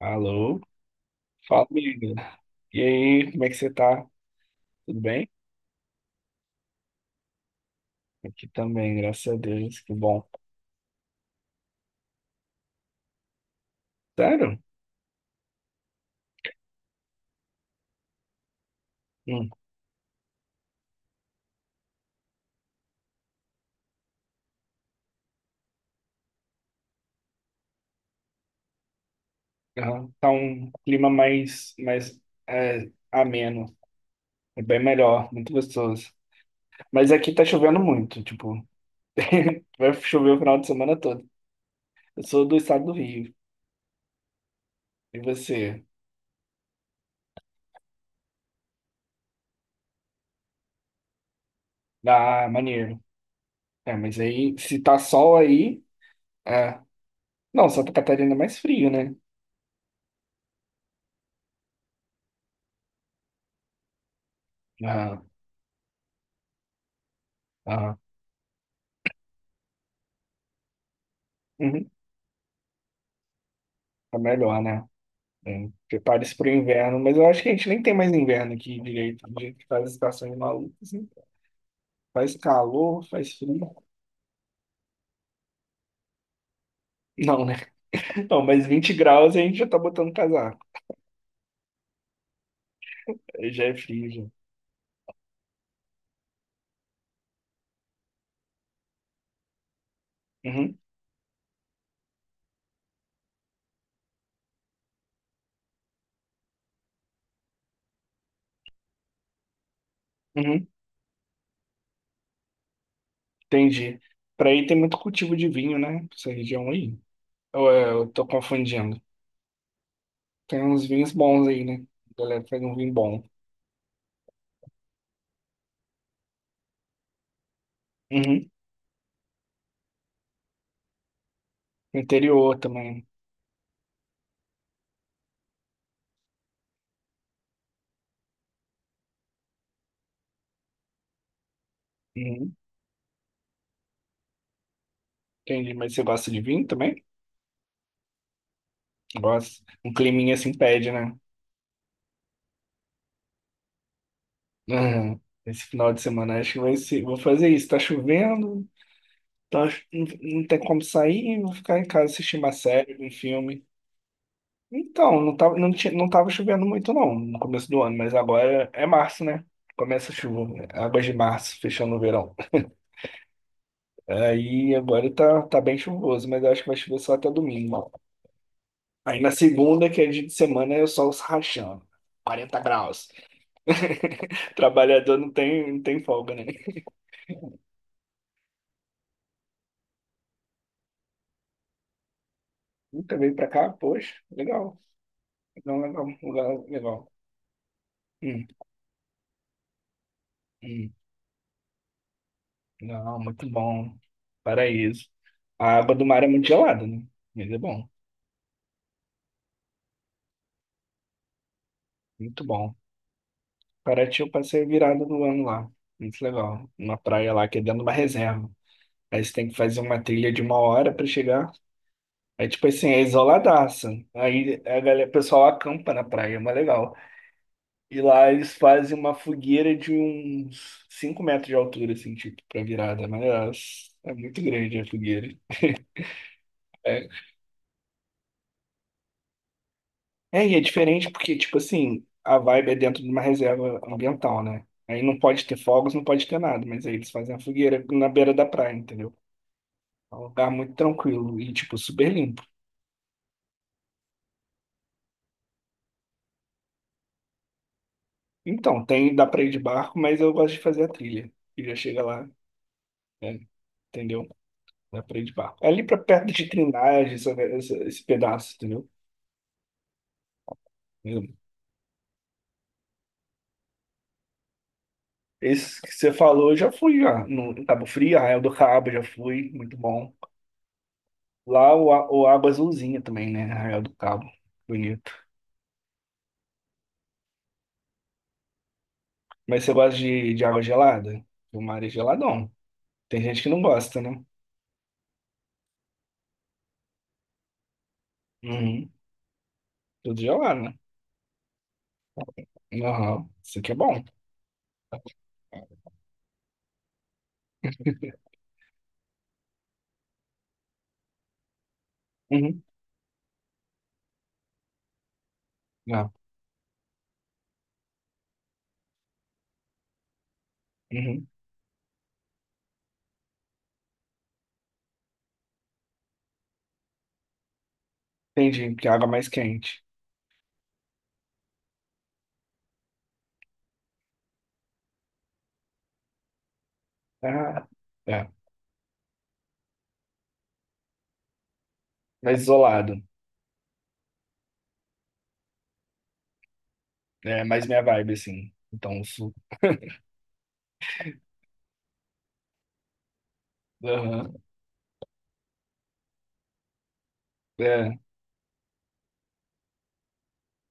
Alô? Fala, amiga. E aí, como é que você tá? Tudo bem? Aqui também, graças a Deus, que bom. Sério? Hum. Tá um clima mais, ameno, é bem melhor, muito gostoso. Mas aqui tá chovendo muito, tipo, vai chover o final de semana todo. Eu sou do estado do Rio, e você? Ah, maneiro. É, mas aí, se tá sol aí, é. Não, Santa Catarina é mais frio, né? Ah, ah. Uhum. Tá melhor, né? Né? Prepare-se para o inverno, mas eu acho que a gente nem tem mais inverno aqui direito, do jeito que faz as estações malucas, né? Faz calor, faz frio. Não, né? Não, mas 20 graus a gente já tá botando casaco. Aí já é frio, já. Uhum, uhum, entendi. Para aí tem muito cultivo de vinho, né? Essa região aí. Ou é, eu tô confundindo. Tem uns vinhos bons aí, né? A galera faz um vinho bom. Uhum. Interior também. Uhum. Entendi, mas você gosta de vinho também? Gosto. Um climinha assim pede, né? Aham. Esse final de semana acho que vai ser. Vou fazer isso. Tá chovendo, tá, não tem como sair, vou ficar em casa assistindo uma série, um filme. Então, não tava, não tinha, não tava chovendo muito não no começo do ano, mas agora é março, né? Começa a chuva, né? Águas de março, fechando o verão. Aí agora tá, bem chuvoso, mas eu acho que vai chover só até domingo. Aí na segunda, que é dia de semana, é o sol se rachando. 40 graus. Trabalhador não tem folga, né? Nunca veio pra cá, poxa, legal. Não, legal, legal, legal. Hum, hum. Não, muito bom. Paraíso. A água do mar é muito gelada, né? Mas é bom, muito bom. Paraty eu passei a virada do ano lá. Muito legal. Uma praia lá que é dentro de uma reserva. Aí você tem que fazer uma trilha de uma hora pra chegar. Aí, tipo assim, é isoladaça. Aí a galera, o pessoal acampa na praia, é mais legal. E lá eles fazem uma fogueira de uns 5 metros de altura, assim, tipo, pra virada. Mas é muito grande a fogueira. É, É, e é diferente porque, tipo assim, a vibe é dentro de uma reserva ambiental, né? Aí não pode ter fogos, não pode ter nada, mas aí eles fazem a fogueira na beira da praia, entendeu? É um lugar muito tranquilo e, tipo, super limpo. Então, tem, dá pra ir de barco, mas eu gosto de fazer a trilha. E já chega lá, né? Entendeu? Dá pra ir de barco. É ali pra perto de Trindade, esse pedaço, entendeu? Esse que você falou, eu já fui, já. No em Cabo Frio, Arraial do Cabo, já fui, muito bom. Lá o água é azulzinha também, né? Arraial do Cabo. Bonito. Mas você gosta de, água gelada? O mar é geladão. Tem gente que não gosta, né? Uhum. Tudo gelado, né? Aham. Isso aqui é bom. Uhum. Ah, uhum. Entendi, que a água é mais quente. Ah, é. Mais isolado. É mais minha vibe, assim. Então, o sul. Aham. É.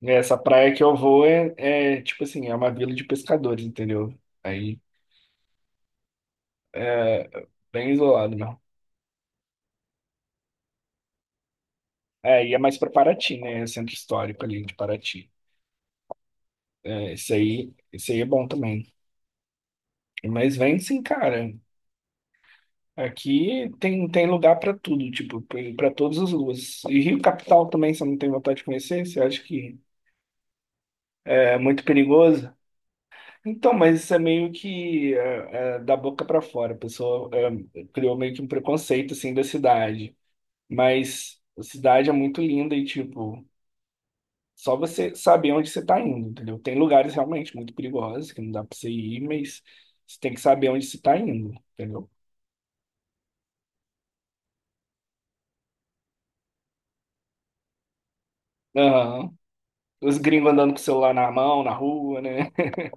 Essa praia que eu vou é, tipo assim, é uma vila de pescadores, entendeu? Aí, bem isolado mesmo. É, e é mais para Paraty, né? É Centro histórico ali de Paraty. É, esse aí é bom também. Mas vem sim, cara. Aqui tem, tem lugar para tudo, tipo, para todas as ruas. E Rio Capital também, você não tem vontade de conhecer? Você acha que é muito perigoso? Então, mas isso é meio que é, da boca para fora. A pessoa criou meio que um preconceito, assim, da cidade. Mas a cidade é muito linda e, tipo, só você saber onde você está indo, entendeu? Tem lugares realmente muito perigosos que não dá para você ir, mas você tem que saber onde você está indo, entendeu? Aham. Os gringos andando com o celular na mão, na rua, né?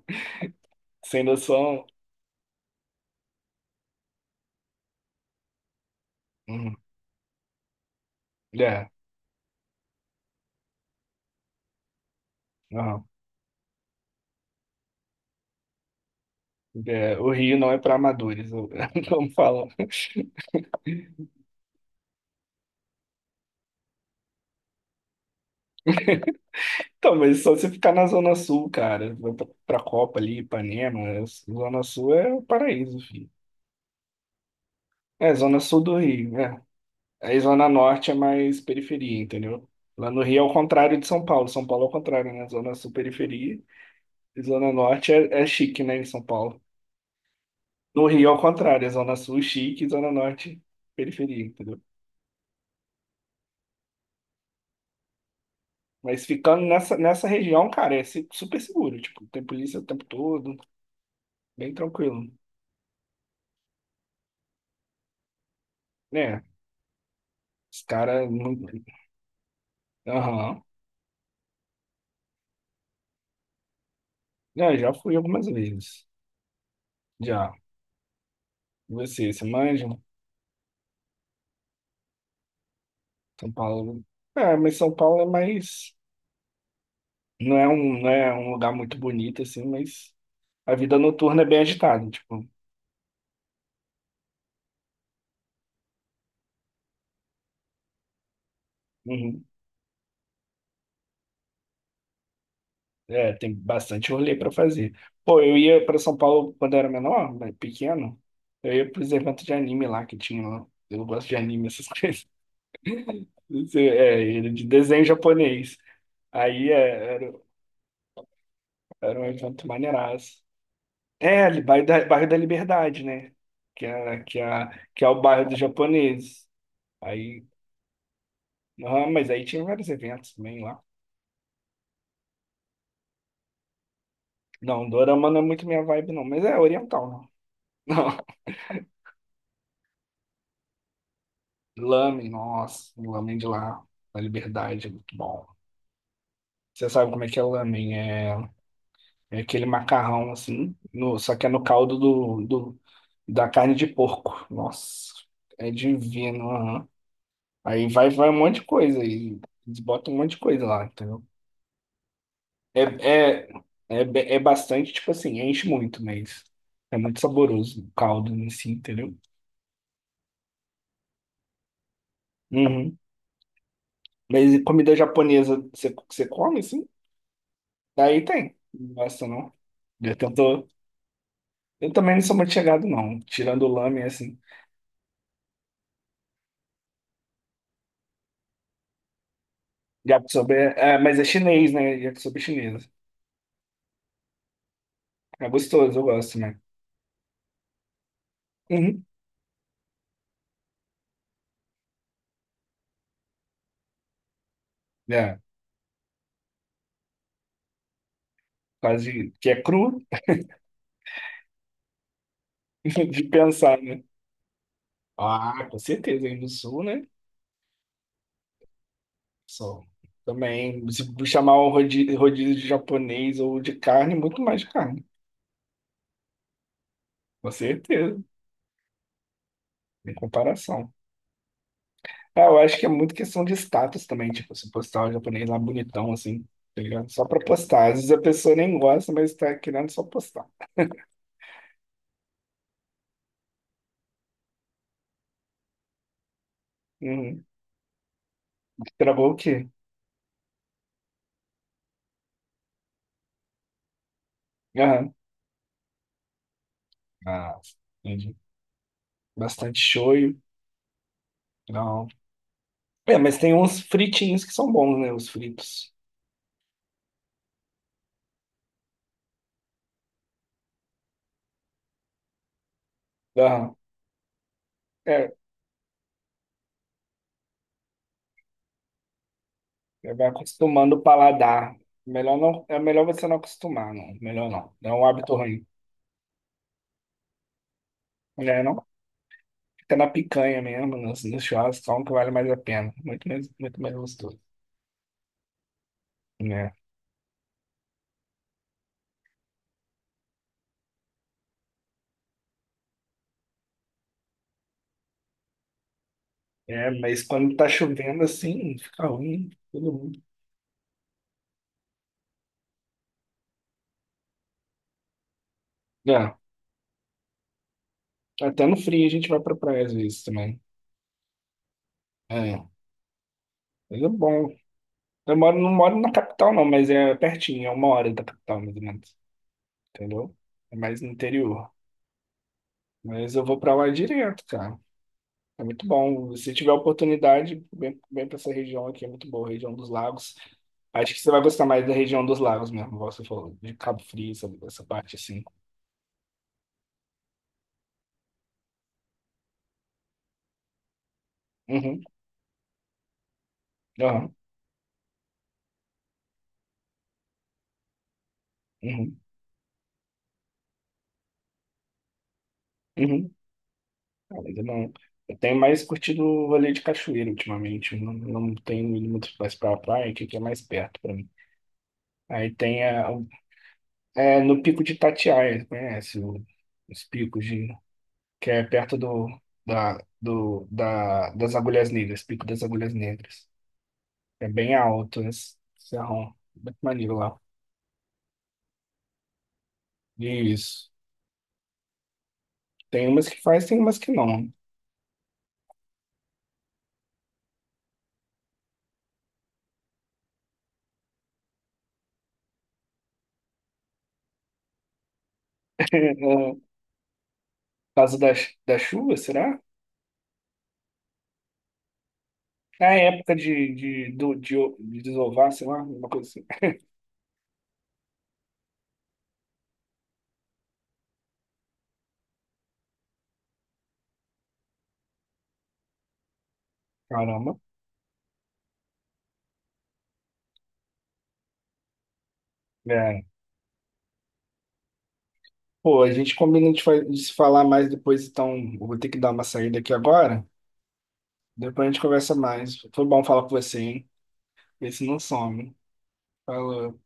Sem noção. Uhum. É, aham. É, o Rio não é para amadores, como falam. Então, mas só você ficar na Zona Sul, cara, vai pra, Copa ali, Ipanema, é, Zona Sul é o paraíso, filho. É, Zona Sul do Rio, né? Aí Zona Norte é mais periferia, entendeu? Lá no Rio é o contrário de São Paulo. São Paulo é o contrário, né? Zona Sul, periferia. E Zona Norte é, chique, né? Em São Paulo. No Rio é o contrário. É Zona Sul, chique. E Zona Norte, periferia, entendeu? Mas ficando nessa, região, cara, é super seguro. Tipo, tem polícia o tempo todo. Bem tranquilo. Né? Os caras. Aham. É, já fui algumas vezes. Já. E você manja? São Paulo. É, mas São Paulo é mais. Não é um lugar muito bonito, assim, mas a vida noturna é bem agitada, tipo, uhum. É, tem bastante rolê para fazer. Pô, eu ia para São Paulo quando eu era menor, né, pequeno, eu ia pros eventos de anime lá que tinha lá. Eu gosto de anime, essas coisas. Isso. Era de desenho japonês. Aí era um evento maneiraço. É, ali, bairro da Liberdade, né? Que é o bairro dos japoneses. Aí, ah, mas aí tinha vários eventos também lá. Não, dorama não é muito minha vibe, não. Mas é oriental, né? Não. Lamen, nossa. O Lamen de lá. Na Liberdade, é muito bom. Você sabe como é que é lamen? É aquele macarrão, assim. No, Só que é no caldo da carne de porco. Nossa. É divino, aham. Aí vai um monte de coisa. Aí, eles botam um monte de coisa lá, entendeu? É, é bastante, tipo assim, enche muito, mas é muito saboroso o caldo em si, entendeu? Uhum. Mas e comida japonesa, você come, assim? Aí tem. Não gosto, não. Eu tento. Eu também não sou muito chegado, não. Tirando o lamen, assim. Yakisoba é. Mas é chinês, né? Yakisoba é chinesa. É gostoso, eu gosto, né? Uhum. É, quase. Que é cru de pensar, né? Ah, com certeza. Aí no sul, né? Só. Também, se chamar um rodízio, rodízio de japonês ou de carne, muito mais de carne. Com certeza. Em comparação. É, eu acho que é muito questão de status também, tipo, se postar o japonês lá bonitão, assim, tá ligado? Só pra postar. Às vezes a pessoa nem gosta, mas tá querendo só postar. Uhum. Travou o quê? Aham. Ah, entendi. Bastante shoyu. Não. É, mas tem uns fritinhos que são bons, né? Os fritos. Aham. É, é, vai acostumando o paladar. Melhor não, é melhor você não acostumar, não. Melhor não. É um hábito ruim. Né, não? Fica na picanha mesmo, nos churrascos, só um que vale mais a pena. Muito mais gostoso. É. É, mas quando tá chovendo assim, fica ruim, todo mundo. É, até no frio a gente vai pra praia às vezes também. É, mas é bom. Eu moro, não moro na capital não, mas é pertinho, é uma hora da capital mais ou menos, entendeu? É mais no interior. Mas eu vou pra lá direto, cara. É muito bom. Se tiver oportunidade, vem, vem pra essa região aqui, é muito boa, região dos lagos. Acho que você vai gostar mais da região dos lagos mesmo, igual você falou, de Cabo Frio, essa parte assim. Uhum, uhum, uhum, uhum. Ainda não. Eu tenho mais curtido o rolê de cachoeira ultimamente. Eu não tenho ido muito mais pra praia, que aqui é mais perto pra mim. Aí tem no Pico de Itatiaia, conhece os picos de, que é perto das Agulhas Negras, Pico das Agulhas Negras. É bem alto esse serrão, muito maneiro lá. Isso. Tem umas que faz, tem umas que não. É, por causa da chuva, será? Ah, é época de desovar, sei lá, uma coisa assim. Caramba. É. Pô, a gente combina de se falar mais depois, então eu vou ter que dar uma saída aqui agora. Depois a gente conversa mais. Foi bom falar com você, hein? Esse não some. Falou.